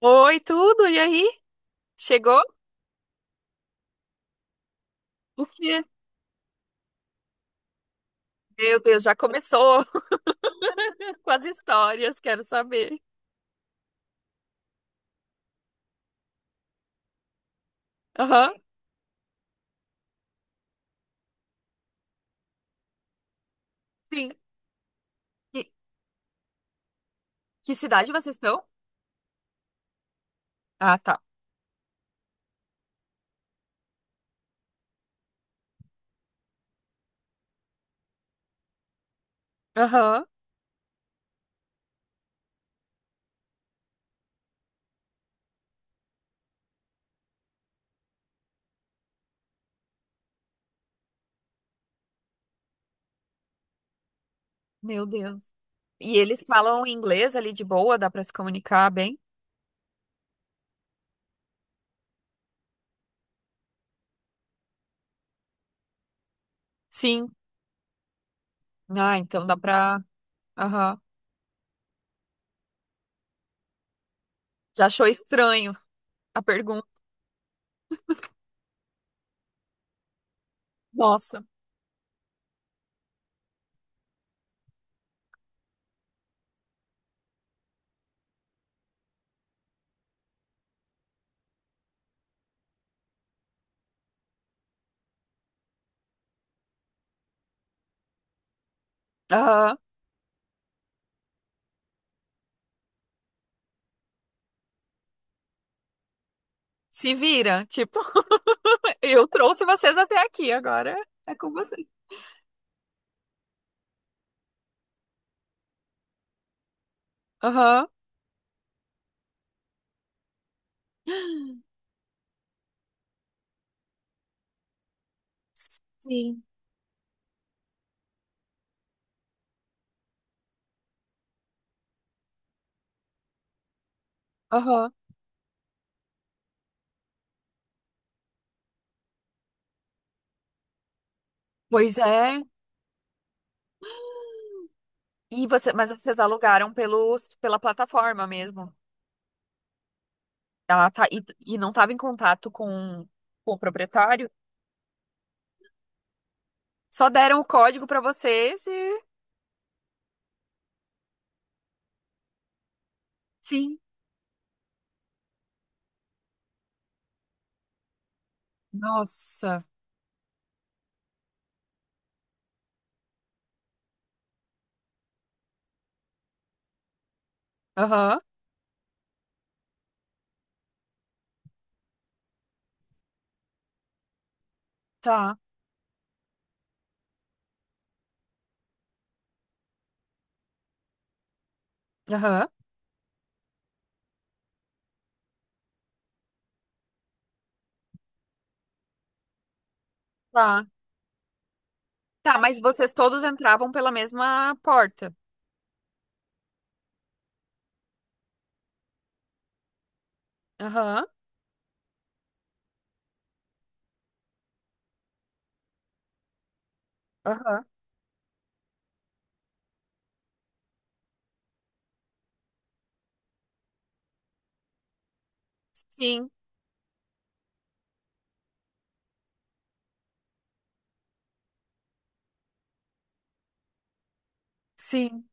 Oi, tudo? E aí? Chegou? O quê? Meu Deus, já começou com as histórias, quero saber. Aham. Sim. Que, que cidade vocês estão? Ah, tá. Aham. Meu Deus. E eles falam inglês ali de boa, dá pra se comunicar bem? Sim. Ah, então dá pra. Aham. Já achou estranho a pergunta? Nossa. Aham. Se vira, tipo, eu trouxe vocês até aqui, agora é com vocês. Aham. Sim. Aham. Pois é. E você, mas vocês alugaram pelos, pela plataforma mesmo. Ela tá, e não estava em contato com o proprietário. Só deram o código para vocês e. Sim. Nossa. Aham. Tá. Aham. Tá. Tá, mas vocês todos entravam pela mesma porta. Aham. Aham. Sim. Sim.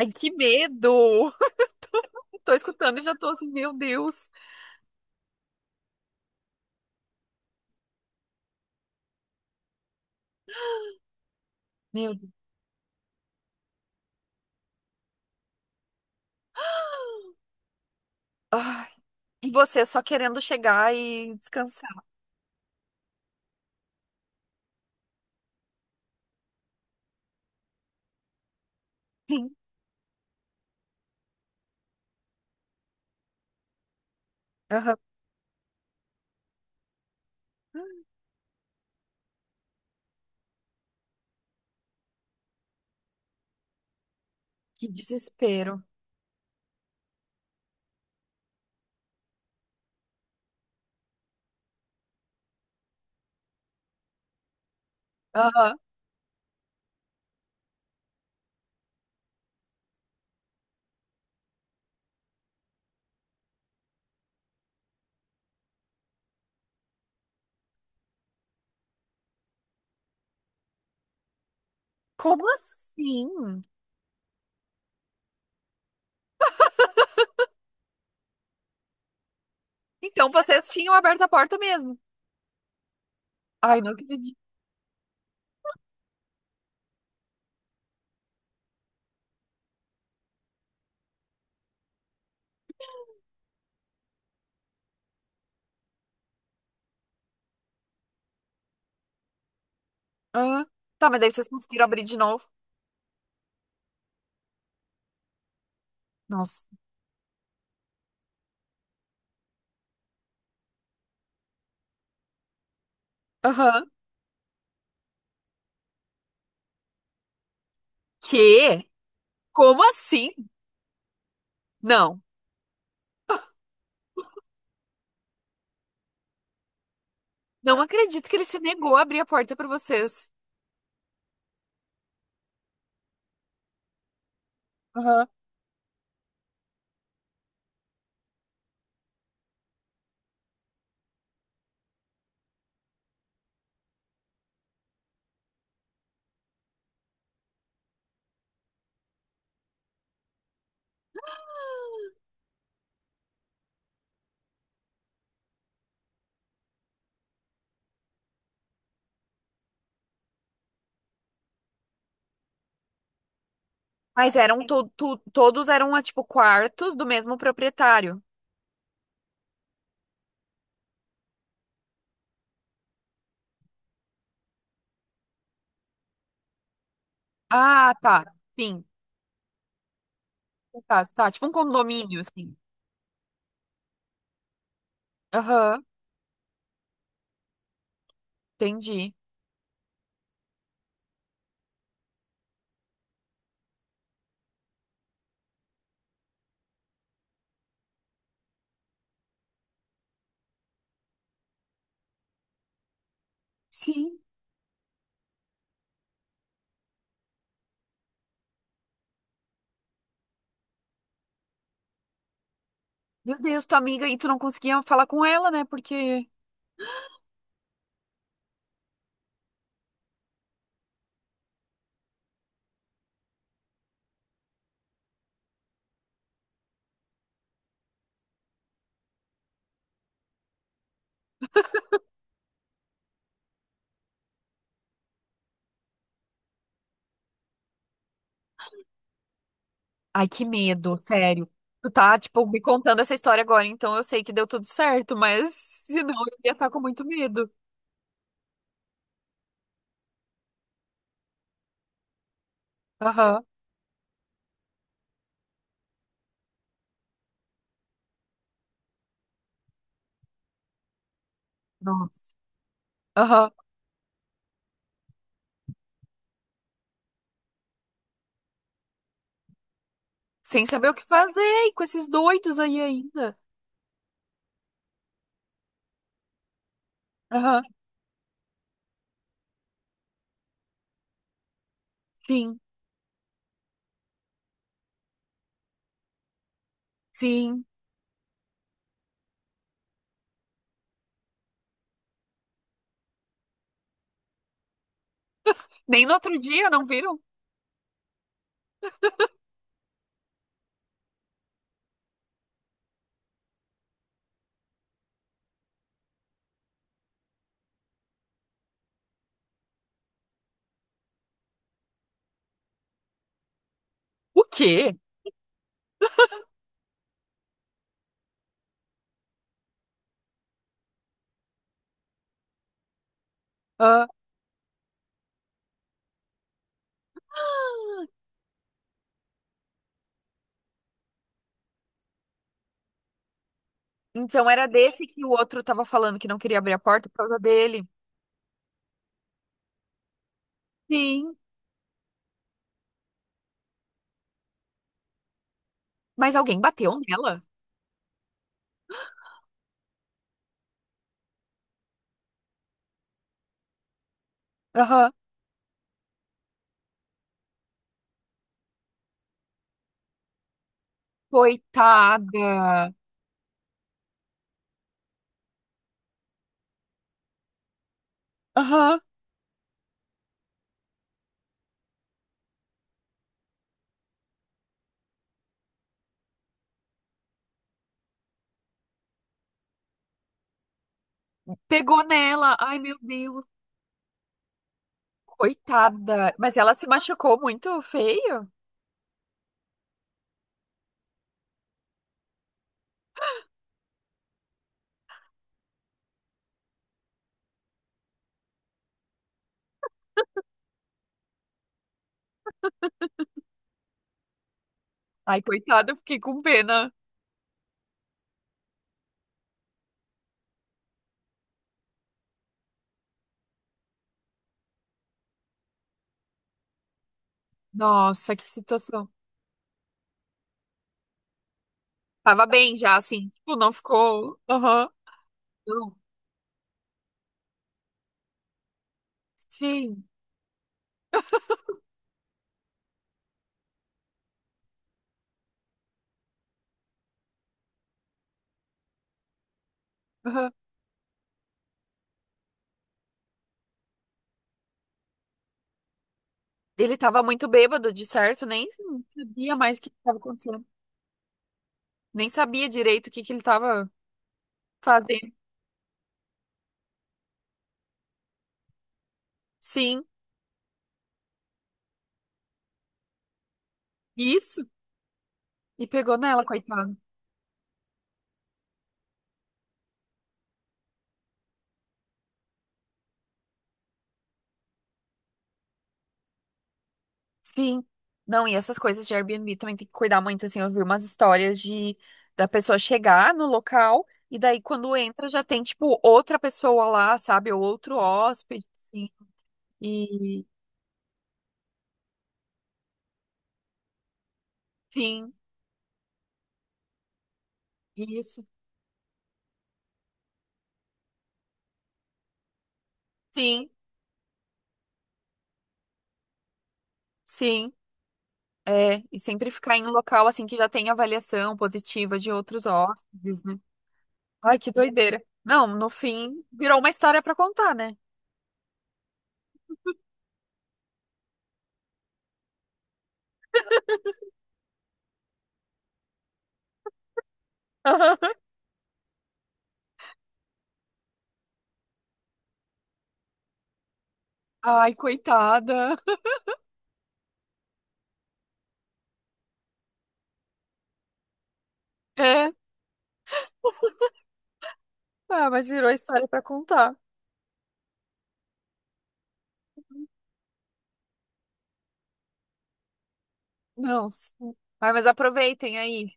Ai, que medo! Tô escutando e já tô assim, meu Deus. Meu Deus. Ai, e você só querendo chegar e descansar. Aham. Que desespero. Aham. Como assim? Então vocês tinham aberto a porta mesmo. Ai, não acredito. Aham. Tá, mas daí vocês conseguiram abrir de novo. Nossa. Aham. Quê? Como assim? Não. Não acredito que ele se negou a abrir a porta pra vocês. Aham. Mas eram todos eram ah, tipo quartos do mesmo proprietário. Ah, tá. Sim. Tá, tá. Tipo um condomínio, assim. Aham. Entendi. Sim. Meu Deus, tua amiga, e tu não conseguia falar com ela, né? Porque. Ai, que medo, sério. Tu tá, tipo, me contando essa história agora, então eu sei que deu tudo certo, mas senão eu ia estar com muito medo. Aham. Nossa. Aham. Sem saber o que fazer, e com esses doidos aí ainda. Aham. Sim, sim. Nem no outro dia, não viram? O quê? Ah. Então era desse que o outro tava falando que não queria abrir a porta por causa dele. Sim. Mas alguém bateu nela? Aham. Coitada. Aham. Pegou nela. Ai, meu Deus. Coitada. Mas ela se machucou muito feio. Ai, coitada, eu fiquei com pena. Nossa, que situação. Tava bem já, assim. Tipo, não ficou. Aham. Não. Sim. Aham. Ele tava muito bêbado, de certo. Nem sabia mais o que estava acontecendo. Nem sabia direito o que que ele tava fazendo. Sim, isso. E pegou nela, coitada. Sim. Não, e essas coisas de Airbnb também tem que cuidar muito, assim, eu vi umas histórias de da pessoa chegar no local e daí quando entra já tem, tipo, outra pessoa lá, sabe? Ou outro hóspede, assim. E sim, isso. Sim, sim. É, e sempre ficar em um local assim que já tem avaliação positiva de outros hóspedes, né? Ai, que doideira. Não, no fim, virou uma história pra contar, né? Ai, coitada. É, ah, mas virou história pra contar. Não. Sim. Ai, mas aproveitem aí.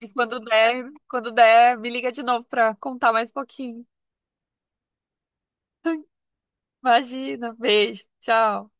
E quando der, me liga de novo pra contar mais um pouquinho. Imagina. Beijo. Tchau.